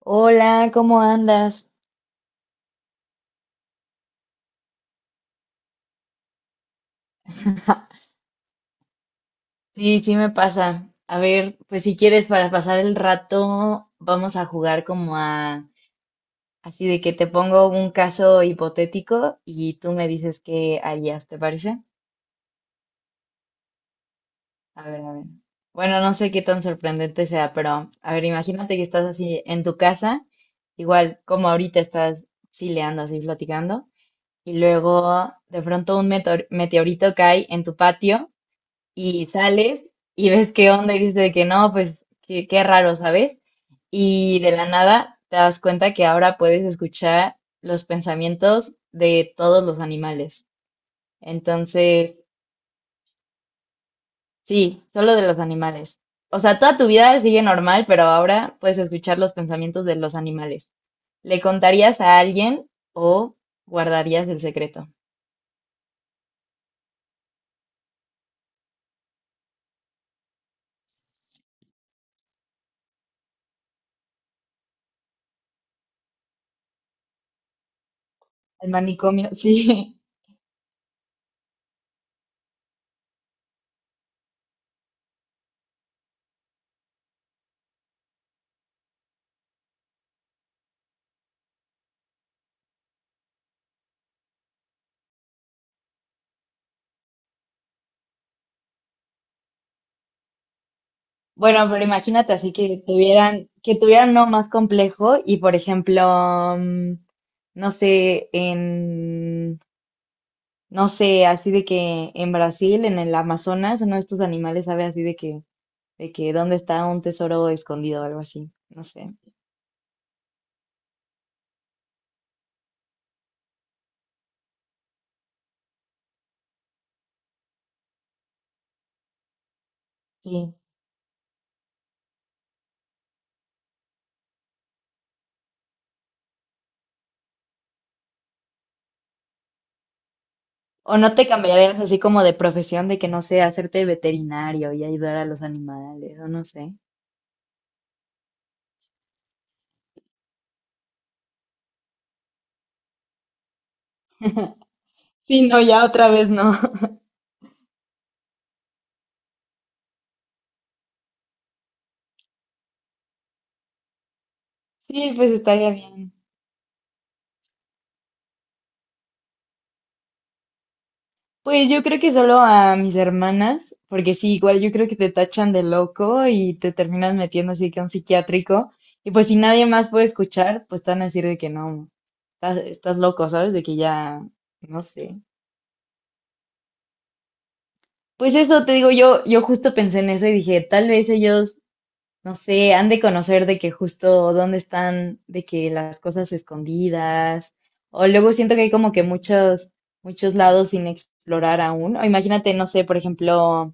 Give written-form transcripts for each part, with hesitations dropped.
Hola, ¿cómo andas? Sí, sí me pasa. A ver, pues si quieres para pasar el rato, vamos a jugar como a así de que te pongo un caso hipotético y tú me dices qué harías, ¿te parece? A ver, a ver. Bueno, no sé qué tan sorprendente sea, pero a ver, imagínate que estás así en tu casa, igual como ahorita estás chileando así platicando, y luego de pronto un meteorito cae en tu patio. Y sales y ves qué onda y dices de que no, pues qué, qué raro, ¿sabes? Y de la nada te das cuenta que ahora puedes escuchar los pensamientos de todos los animales. Entonces, sí, solo de los animales. O sea, toda tu vida sigue normal, pero ahora puedes escuchar los pensamientos de los animales. ¿Le contarías a alguien o guardarías el secreto? El manicomio, sí. Bueno, pero imagínate así que tuvieran uno más complejo y, por ejemplo, no sé, en, no sé, así de que en Brasil, en el Amazonas, uno de estos animales sabe así de que dónde está un tesoro escondido o algo así, no sé. Sí. ¿O no te cambiarías así como de profesión de que no sé, hacerte veterinario y ayudar a los animales, o no sé? Sí, no, ya otra vez no. Sí, pues estaría bien. Pues yo creo que solo a mis hermanas, porque sí, igual yo creo que te tachan de loco y te terminas metiendo así que a un psiquiátrico. Y pues si nadie más puede escuchar, pues te van a decir de que no, estás, estás loco, ¿sabes? De que ya, no sé. Pues eso te digo, yo justo pensé en eso y dije, tal vez ellos, no sé, han de conocer de que justo dónde están, de que las cosas escondidas. O luego siento que hay como que muchos, muchos lados sin explorar aún. O imagínate, no sé, por ejemplo.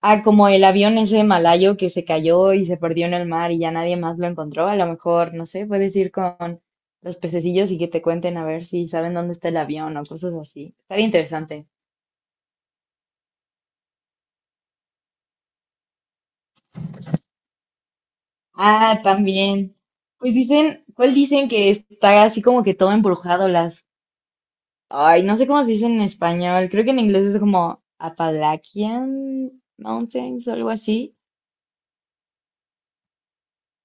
Ah, como el avión ese malayo que se cayó y se perdió en el mar y ya nadie más lo encontró. A lo mejor, no sé, puedes ir con los pececillos y que te cuenten a ver si saben dónde está el avión o cosas así. Estaría interesante. Ah, también. Pues dicen, ¿cuál dicen que está así como que todo embrujado? Las, ay, no sé cómo se dice en español. Creo que en inglés es como Appalachian Mountains o algo así.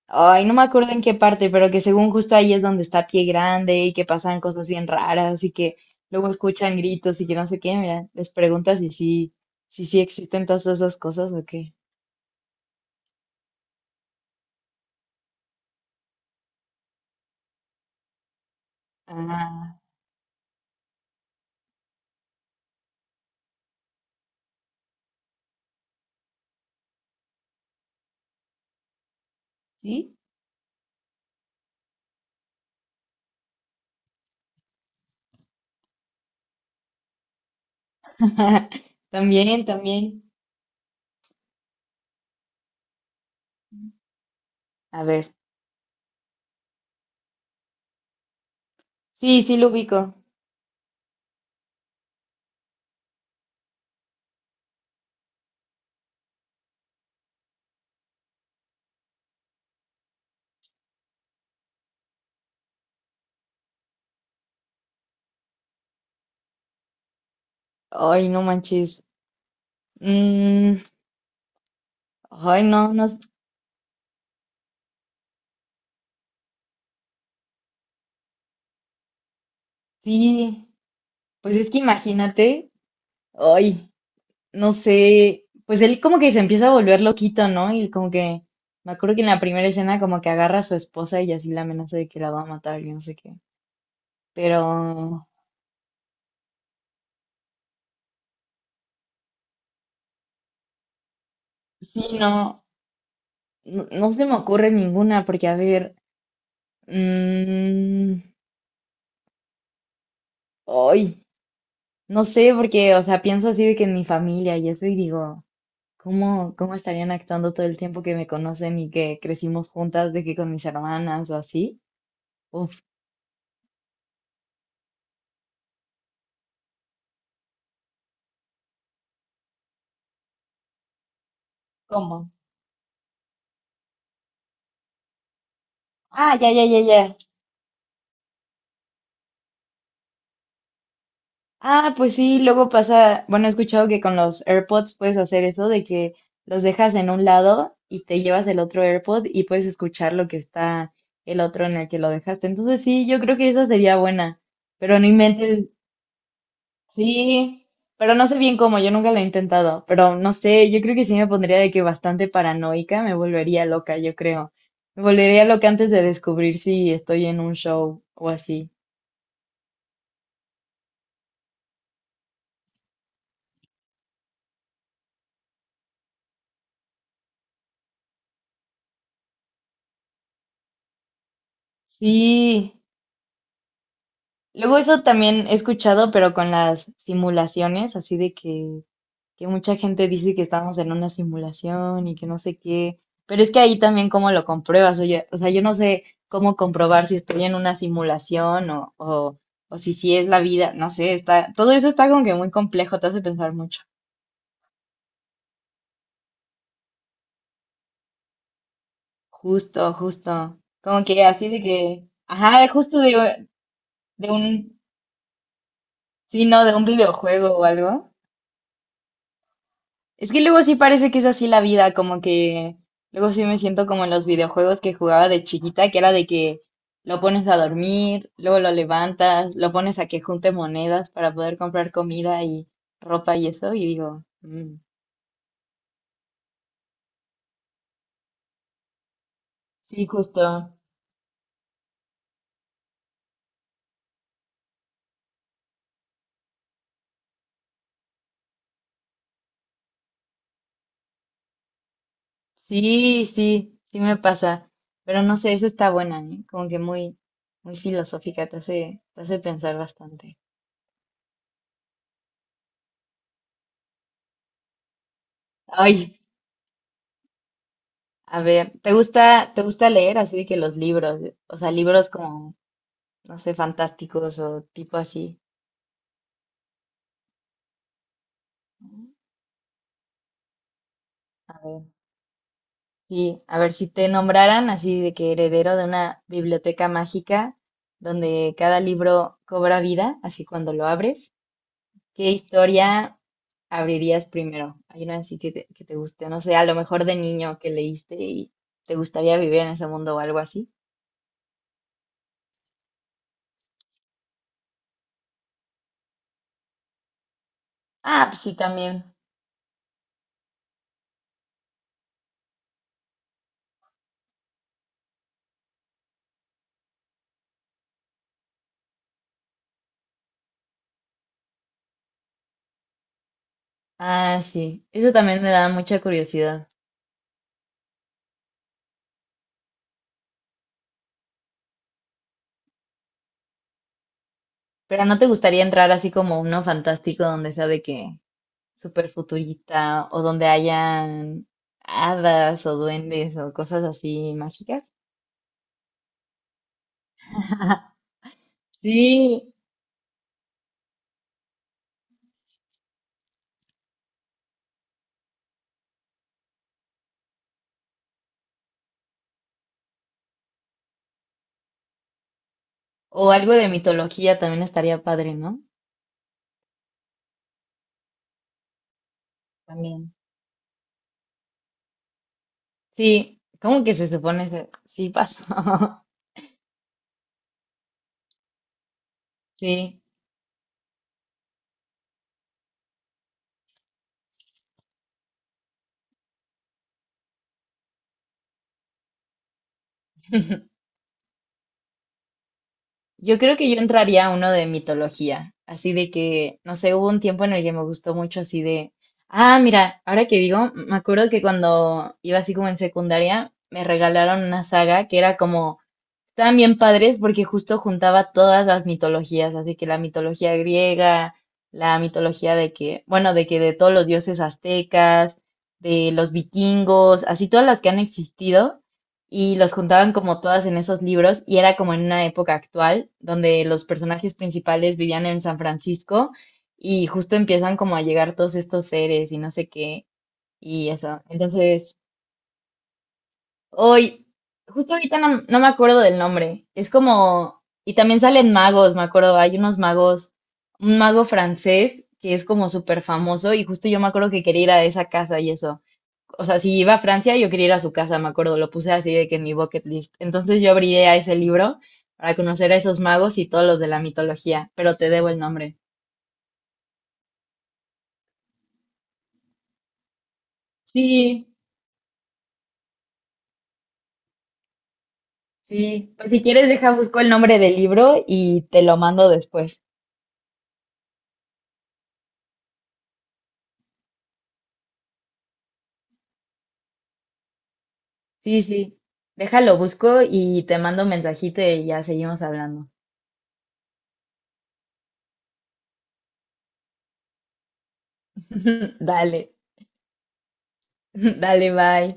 Ay, no me acuerdo en qué parte, pero que según justo ahí es donde está Pie Grande y que pasan cosas bien raras y que luego escuchan gritos y que no sé qué. Mira, les preguntas si sí, si sí existen todas esas cosas o qué. Ah, ¿sí? También, también. A ver. Sí, sí lo ubico. Ay, no manches. Mm, ay, no, no. Sí. Pues es que imagínate. Ay. No sé, pues él como que se empieza a volver loquito, ¿no? Y como que, me acuerdo que en la primera escena como que agarra a su esposa y así la amenaza de que la va a matar y no sé qué. Pero sí, no, no, no se me ocurre ninguna porque, a ver, mm, ay, no sé, porque, o sea, pienso así de que en mi familia y eso y digo, ¿cómo, cómo estarían actuando todo el tiempo que me conocen y que crecimos juntas, de que con mis hermanas o así? Uf. ¿Cómo? Ah, ya, ya, ya, ya. Ah, pues sí, luego pasa, bueno, he escuchado que con los AirPods puedes hacer eso de que los dejas en un lado y te llevas el otro AirPod y puedes escuchar lo que está el otro en el que lo dejaste. Entonces sí, yo creo que esa sería buena, pero no inventes, sí, pero no sé bien cómo, yo nunca lo he intentado, pero no sé, yo creo que sí me pondría de que bastante paranoica, me volvería loca, yo creo. Me volvería loca antes de descubrir si estoy en un show o así. Sí. Luego eso también he escuchado, pero con las simulaciones, así de que mucha gente dice que estamos en una simulación y que no sé qué, pero es que ahí también cómo lo compruebas, oye, o sea, yo no sé cómo comprobar si estoy en una simulación o si sí es la vida, no sé, está, todo eso está como que muy complejo, te hace pensar mucho. Justo, justo, como que así de que, ajá, justo de un, sí, no, de un videojuego o algo. Es que luego sí parece que es así la vida, como que luego sí me siento como en los videojuegos que jugaba de chiquita, que era de que lo pones a dormir, luego lo levantas, lo pones a que junte monedas para poder comprar comida y ropa y eso, y digo, "Mm, sí, justo, sí, sí, sí me pasa, pero no sé, eso está buena, ¿eh? Como que muy, muy filosófica, te hace pensar bastante. Ay, a ver, te gusta leer así de que los libros, o sea, libros como no sé, fantásticos o tipo así? A ver, sí, a ver si te nombraran así de que heredero de una biblioteca mágica donde cada libro cobra vida, así cuando lo abres, ¿qué historia abrirías primero? Hay una así que te guste, no sé, a lo mejor de niño que leíste y te gustaría vivir en ese mundo o algo así. Ah, pues sí, también. Ah, sí, eso también me da mucha curiosidad. Pero ¿no te gustaría entrar así como uno fantástico donde sea de que súper futurista o donde hayan hadas o duendes o cosas así mágicas? Sí, o algo de mitología también estaría padre, ¿no? También. Sí, ¿cómo que se supone? Ese- sí, pasó. Sí, yo creo que yo entraría a uno de mitología, así de que, no sé, hubo un tiempo en el que me gustó mucho así de, ah, mira, ahora que digo, me acuerdo que cuando iba así como en secundaria, me regalaron una saga que era como. Estaban bien padres porque justo juntaba todas las mitologías, así que la mitología griega, la mitología de que, bueno, de que de todos los dioses aztecas, de los vikingos, así todas las que han existido, y los juntaban como todas en esos libros, y era como en una época actual, donde los personajes principales vivían en San Francisco, y justo empiezan como a llegar todos estos seres y no sé qué, y eso. Entonces, hoy, justo ahorita no, no me acuerdo del nombre. Es como, y también salen magos, me acuerdo, hay unos magos, un mago francés que es como súper famoso y justo yo me acuerdo que quería ir a esa casa y eso. O sea, si iba a Francia, yo quería ir a su casa, me acuerdo, lo puse así de que en mi bucket list. Entonces yo abrí a ese libro para conocer a esos magos y todos los de la mitología, pero te debo el nombre. Sí, sí. Pues si quieres, deja, busco el nombre del libro y te lo mando después. Sí, sí. Déjalo, busco y te mando un mensajito y ya seguimos hablando. Dale, dale, bye.